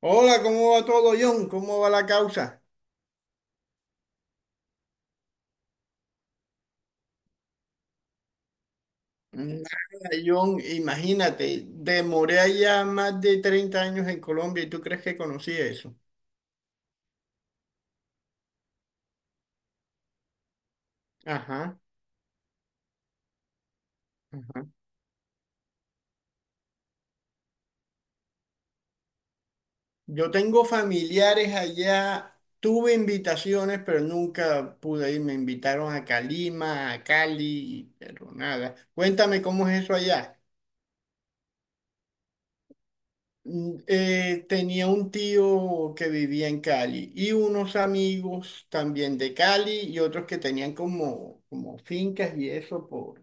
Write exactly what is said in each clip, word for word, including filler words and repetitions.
Hola, ¿cómo va todo, John? ¿Cómo va la causa? Nada, John, imagínate, demoré allá más de treinta años en Colombia y tú crees que conocí eso. Ajá, ajá. Yo tengo familiares allá, tuve invitaciones, pero nunca pude ir. Me invitaron a Calima, a Cali, pero nada. Cuéntame cómo es eso allá. Mm, eh, tenía un tío que vivía en Cali y unos amigos también de Cali y otros que tenían como, como fincas y eso por,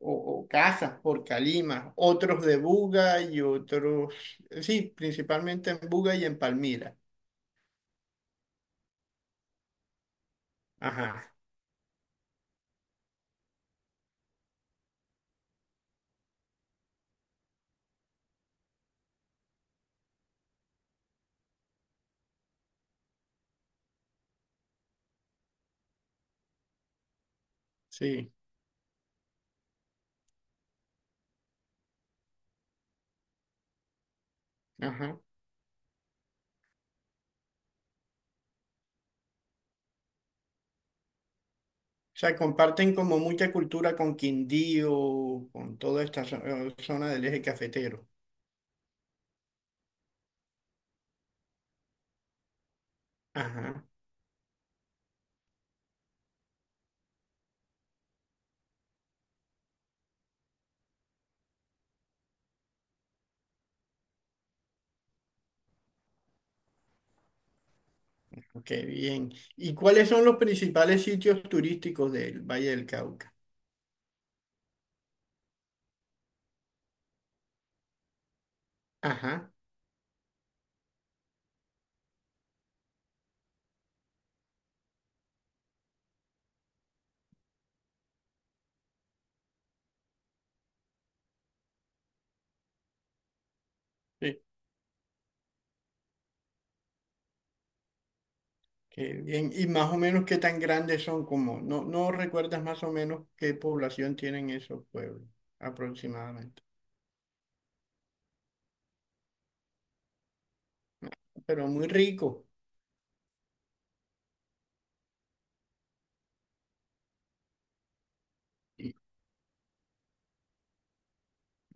o, o casas por Calima, otros de Buga y otros, sí, principalmente en Buga y en Palmira. Ajá, sí, ajá. O sea, comparten como mucha cultura con Quindío, con toda esta zo- zona del eje cafetero. Ajá. Ok, bien. ¿Y cuáles son los principales sitios turísticos del Valle del Cauca? Ajá, sí, qué bien. ¿Y más o menos qué tan grandes son? Como, no, no recuerdas más o menos qué población tienen esos pueblos aproximadamente. Pero muy rico.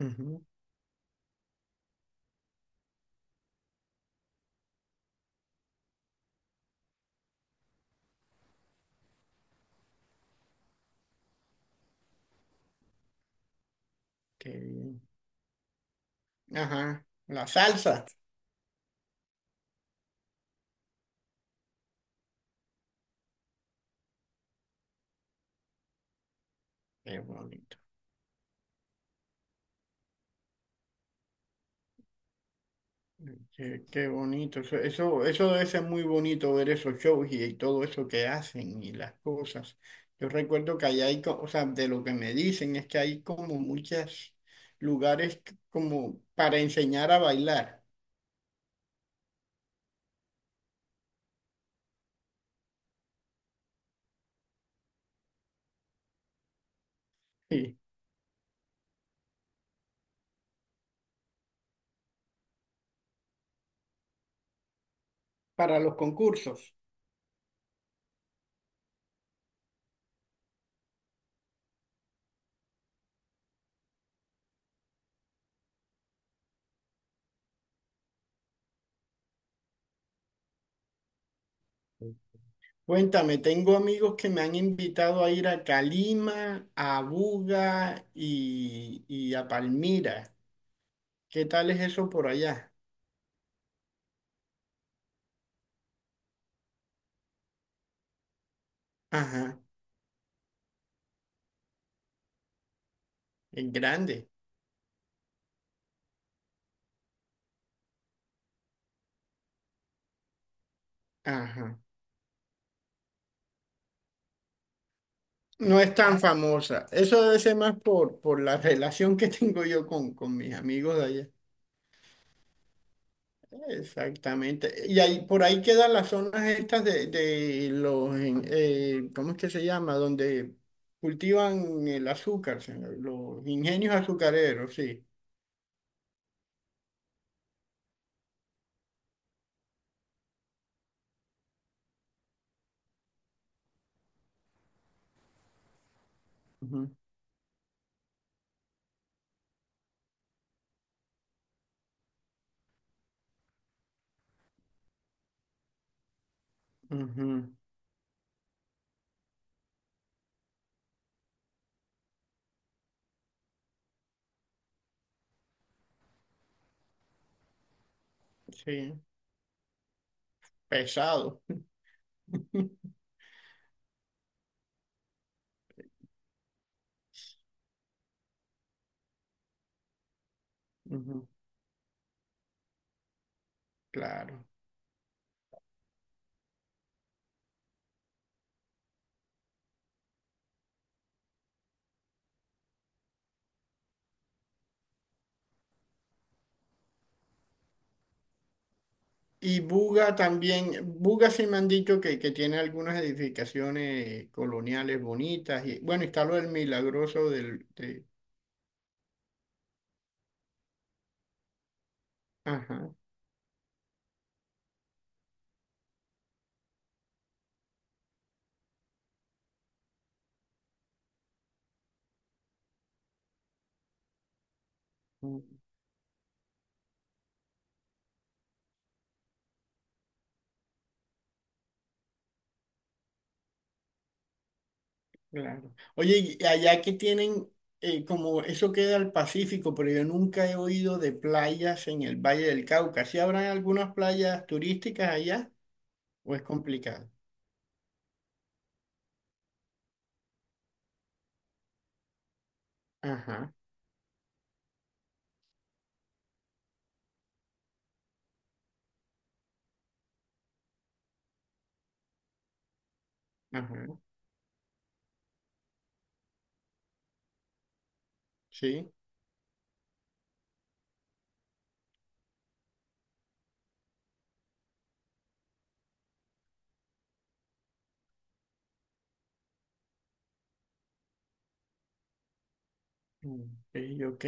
Ujú, qué bien. Ajá, la salsa. Qué bonito. Qué, qué bonito, eso, eso, eso debe ser muy bonito ver esos shows y, y todo eso que hacen y las cosas. Yo recuerdo que allá hay, co- o sea, de lo que me dicen es que hay como muchos lugares c- como para enseñar a bailar, sí, para los concursos. Cuéntame, tengo amigos que me han invitado a ir a Calima, a Buga y, y a Palmira. ¿Qué tal es eso por allá? Ajá, es grande. Ajá. No es tan famosa. Eso debe ser más por, por la relación que tengo yo con, con mis amigos de allá. Exactamente. Y ahí, por ahí quedan las zonas estas de, de los, en- eh, ¿cómo es que se llama? Donde cultivan el azúcar, se- los ingenios azucareros, sí. Ujú, ujú, sí, pesado. Ujú, claro. Y Buga también, Buga sí me han dicho que, que tiene algunas edificaciones coloniales bonitas. Y, bueno, está lo del milagroso del... de- ajá, mm, claro. Oye, y allá que tienen, eh, como eso queda al Pacífico, pero yo nunca he oído de playas en el Valle del Cauca. ¿Sí habrán algunas playas turísticas allá o es complicado? Ajá, ajá, sí. Ok, ok.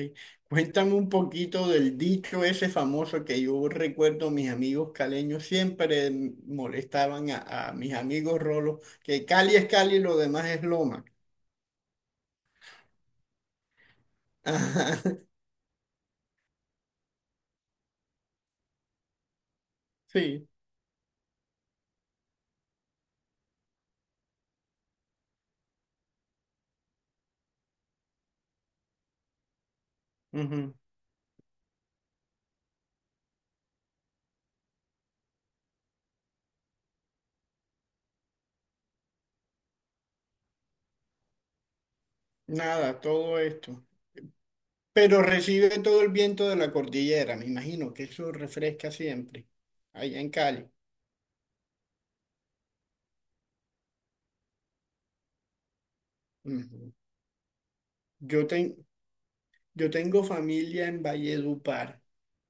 Cuéntame un poquito del dicho ese famoso que yo recuerdo mis amigos caleños siempre m- molestaban a, a mis amigos rolos, que Cali es Cali y lo demás es loma. Ajá, sí, ujú. Nada, todo esto. Pero recibe todo el viento de la cordillera, me imagino que eso refresca siempre, allá en Cali. Ujú. Yo, ten- yo tengo familia en Valledupar.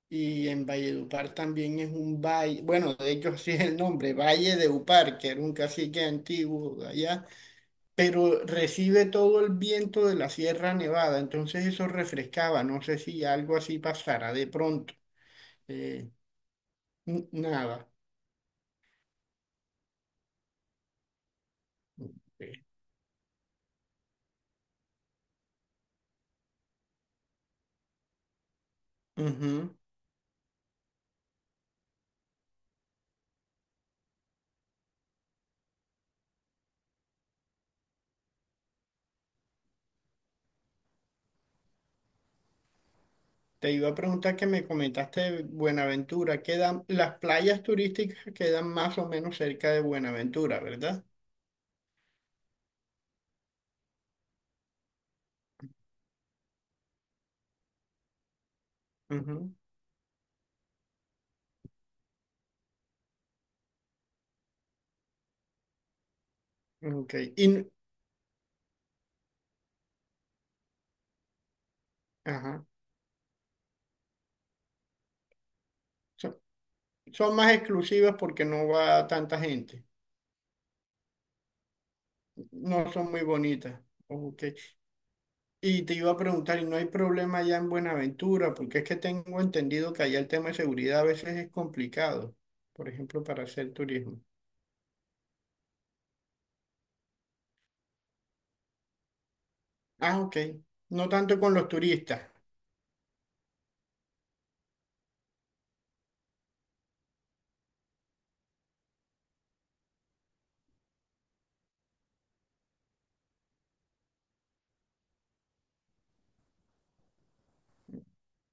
Y en Valledupar también es un valle, bueno, de hecho sí es el nombre, Valle de Upar, que era un cacique antiguo de allá, pero recibe todo el viento de la Sierra Nevada, entonces eso refrescaba, no sé si algo así pasara de pronto. Eh, n- nada. Eh, ujú. Te iba a preguntar que me comentaste de Buenaventura, quedan, las playas turísticas quedan más o menos cerca de Buenaventura, ¿verdad? Ujú, ok. Y, n- ajá. So, son más exclusivas porque no va tanta gente. No son muy bonitas. Ok. Y te iba a preguntar, ¿y no hay problema allá en Buenaventura? Porque es que tengo entendido que allá el tema de seguridad a veces es complicado. Por ejemplo, para hacer turismo. Ah, ok. No tanto con los turistas.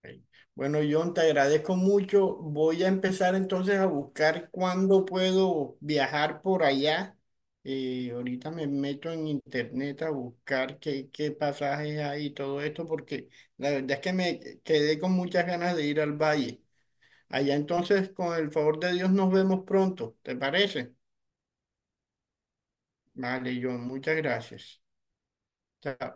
Ok. Bueno, John, te agradezco mucho. Voy a empezar entonces a buscar cuándo puedo viajar por allá. Eh, ahorita me meto en internet a buscar qué, qué pasajes hay y todo esto, porque la verdad es que me quedé con muchas ganas de ir al valle. Allá entonces, con el favor de Dios, nos vemos pronto. ¿Te parece? Vale, John, muchas gracias. Chao.